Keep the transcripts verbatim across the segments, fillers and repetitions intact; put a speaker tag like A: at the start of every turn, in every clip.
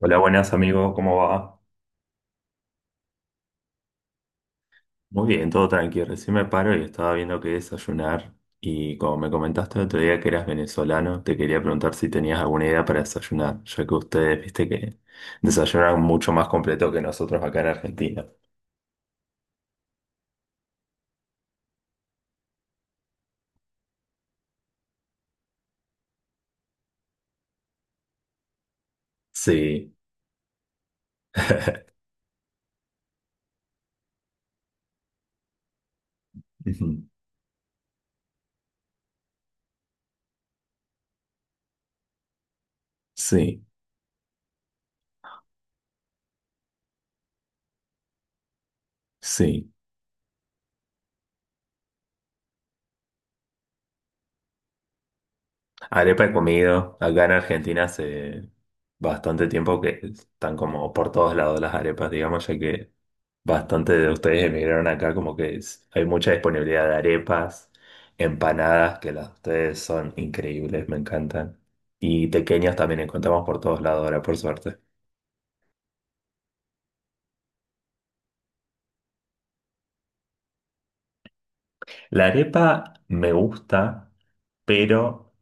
A: Hola, buenas amigos, ¿cómo va? Muy bien, todo tranquilo. Recién me paro y estaba viendo qué desayunar. Y como me comentaste el otro día que eras venezolano, te quería preguntar si tenías alguna idea para desayunar, ya que ustedes, viste que desayunan mucho más completo que nosotros acá en Argentina. Sí. Ujú. Sí, sí. Arepa he comido. Acá en Argentina hace bastante tiempo que están como por todos lados las arepas, digamos, ya que bastante de ustedes emigraron acá, como que es- hay mucha disponibilidad de arepas, empanadas, que las de ustedes son increíbles, me encantan. Y pequeñas también encontramos por todos lados ahora, por suerte. La arepa me gusta, pero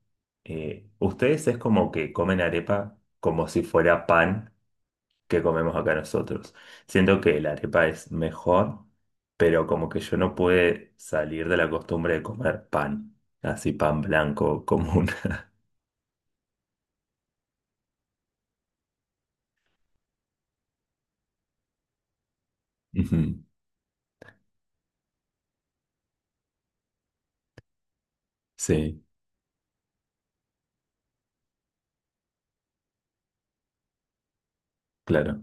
A: eh, ustedes es como que comen arepa como si fuera pan. Que comemos acá nosotros. Siento que la arepa es mejor, pero como que yo no pude salir de la costumbre de comer pan, así pan blanco común. Ujú. Sí, claro.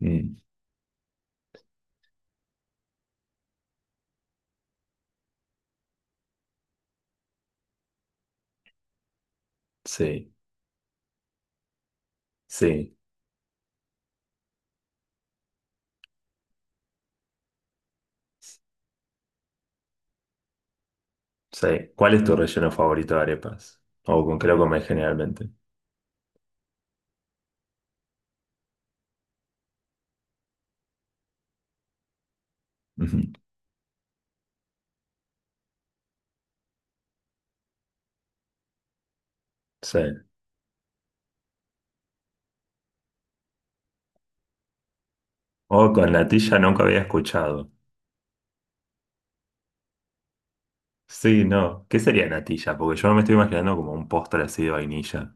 A: Mm. Sí, sí, sí. ¿Cuál es tu relleno favorito de arepas? ¿O con qué lo comes generalmente? Ujú. Sí. O con natilla nunca había escuchado. Sí, no. ¿Qué sería natilla? Porque yo me estoy imaginando como un postre así de vainilla.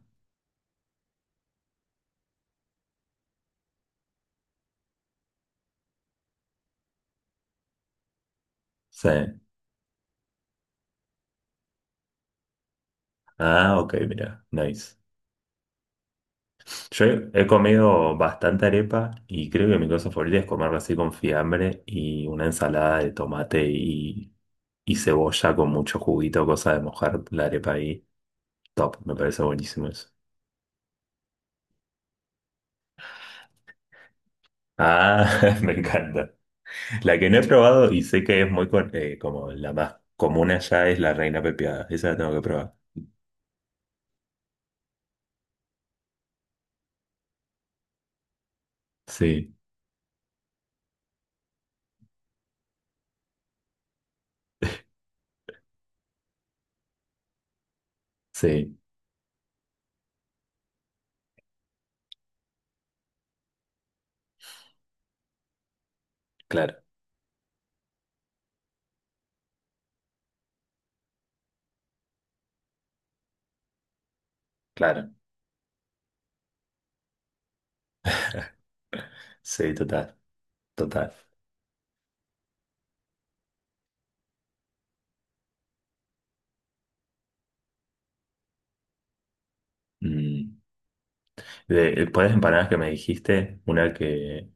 A: Sí. Ah, ok, mira. Nice. Yo he comido bastante arepa y creo que mi cosa favorita es comerla así con fiambre y una ensalada de tomate y, y cebolla con mucho juguito, cosa de mojar la arepa ahí. Top, me parece buenísimo eso. Ah, me encanta. La que no he probado y sé que es muy co- eh, como la más común allá es la reina pepiada. Esa la tengo que probar. Sí, sí, claro, claro. Sí, total, total. Mm. De, por las empanadas que me dijiste, una que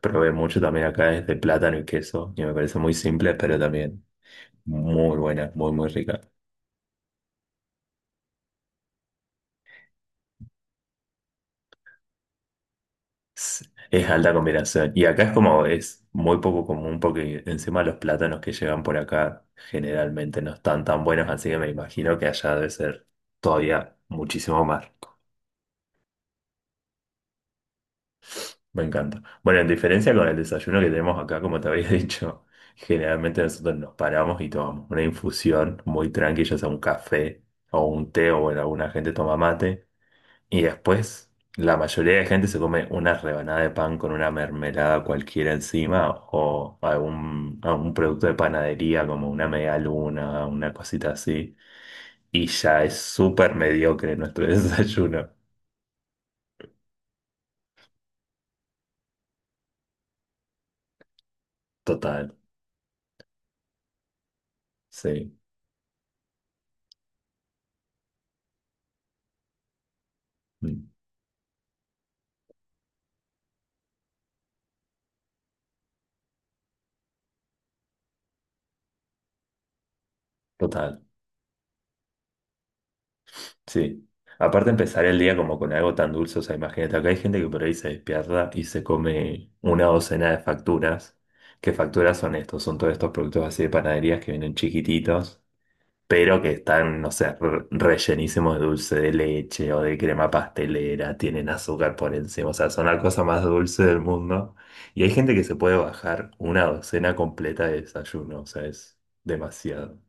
A: probé mucho también acá es de plátano y queso, y me parece muy simple, pero también muy buena, muy, muy rica. Es, es alta combinación. Y acá es como, es muy poco común porque encima los plátanos que llegan por acá generalmente no están tan buenos, así que me imagino que allá debe ser todavía muchísimo más. Me encanta. Bueno, en diferencia con el desayuno que tenemos acá, como te había dicho, generalmente nosotros nos paramos y tomamos una infusión muy tranquila, ya sea un café o un té, o bueno, alguna gente toma mate. Y después, la mayoría de gente se come una rebanada de pan con una mermelada cualquiera encima o algún, algún producto de panadería como una media luna, una cosita así. Y ya es súper mediocre nuestro desayuno. Total, sí, mm, total. Sí. Aparte empezar el día como con algo tan dulce, o sea, imagínate, acá hay gente que por ahí se despierta y se come una docena de facturas. ¿Qué facturas son estos? Son todos estos productos así de panaderías que vienen chiquititos, pero que están, no sé, re- rellenísimos de dulce de leche o de crema pastelera, tienen azúcar por encima, o sea, son la cosa más dulce del mundo. Y hay gente que se puede bajar una docena completa de desayuno, o sea, es demasiado.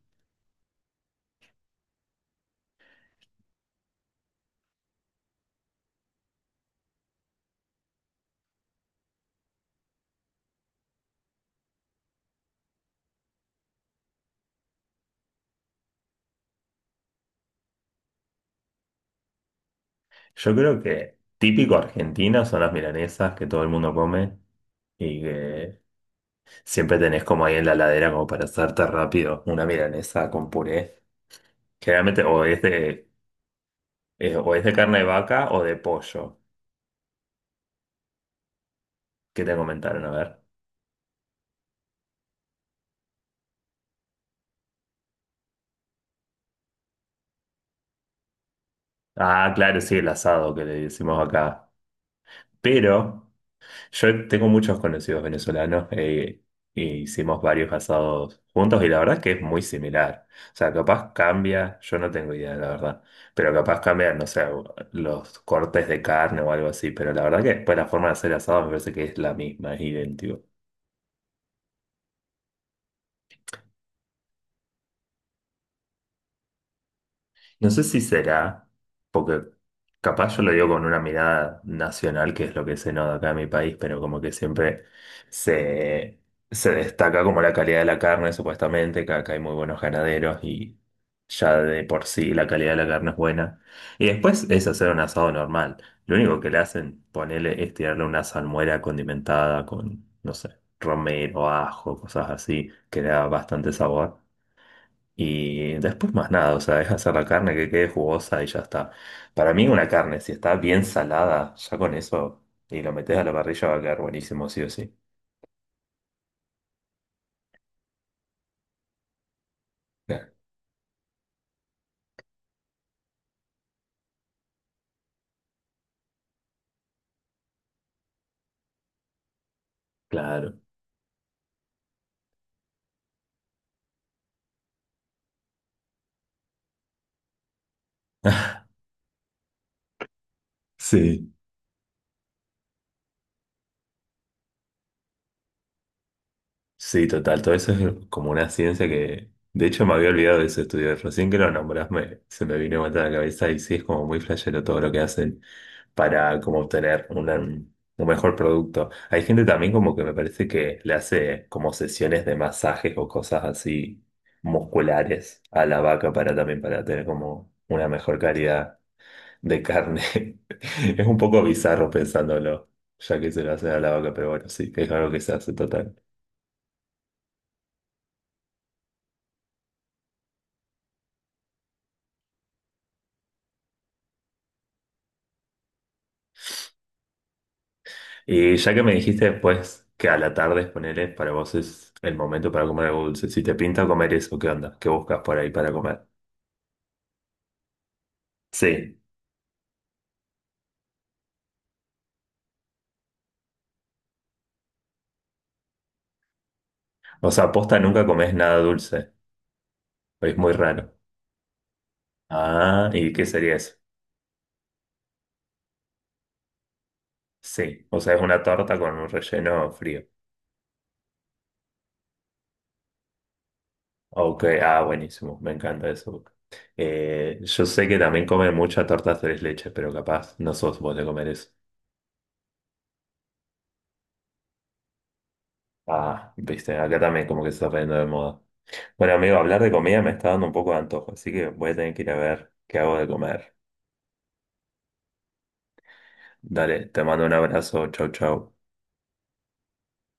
A: Yo creo que típico argentino son las milanesas que todo el mundo come y que siempre tenés como ahí en la ladera como para hacerte rápido una milanesa con puré. Generalmente o es de, eh, o es de carne de vaca o de pollo. ¿Qué te comentaron? A ver. Ah, claro, sí, el asado que le decimos acá. Pero yo tengo muchos conocidos venezolanos eh, e hicimos varios asados juntos y la verdad es que es muy similar. O sea, capaz cambia, yo no tengo idea, la verdad, pero capaz cambian no sé, los cortes de carne o algo así, pero la verdad que después la forma de hacer asado me parece que es la misma, es idéntico. No sé si será, porque capaz yo lo digo con una mirada nacional, que es lo que se nota acá en mi país, pero como que siempre se, se destaca como la calidad de la carne, supuestamente, que acá hay muy buenos ganaderos y ya de por sí la calidad de la carne es buena. Y después es hacer un asado normal. Lo único que le hacen, ponerle, es tirarle una salmuera condimentada con, no sé, romero, ajo, cosas así, que le da bastante sabor. Y después más nada, o sea, es hacer la carne que quede jugosa y ya está. Para mí una carne, si está bien salada, ya con eso, y lo metes a la parrilla va a quedar buenísimo, sí o sí. Claro. Claro. Sí. Sí, total, todo eso es como una ciencia que, de hecho, me había olvidado de ese estudio, recién que lo nombrás, me- se me vino a matar la cabeza y sí, es como muy flashero todo lo que hacen para como obtener una- un mejor producto. Hay gente también como que me parece que le hace como sesiones de masajes o cosas así musculares a la vaca para también para tener como una mejor calidad de carne. Es un poco bizarro pensándolo, ya que se lo hacen a la vaca, pero bueno, sí, es algo que se hace total. Y ya que me dijiste después que a la tarde, ponele, para vos es el momento para comer algo dulce. Si te pinta comer eso, ¿qué onda? ¿Qué buscas por ahí para comer? Sí. O sea, posta nunca comes nada dulce. Es muy raro. Ah, ¿y qué sería eso? Sí. O sea, es una torta con un relleno frío. Ok, ah, buenísimo. Me encanta eso. Eh, yo sé que también comen muchas tortas tres leches, pero capaz no sos vos de comer eso. Ah, viste, acá también como que se está poniendo de moda. Bueno, amigo, hablar de comida me está dando un poco de antojo, así que voy a tener que ir a ver qué hago de comer. Dale, te mando un abrazo, chau, chau.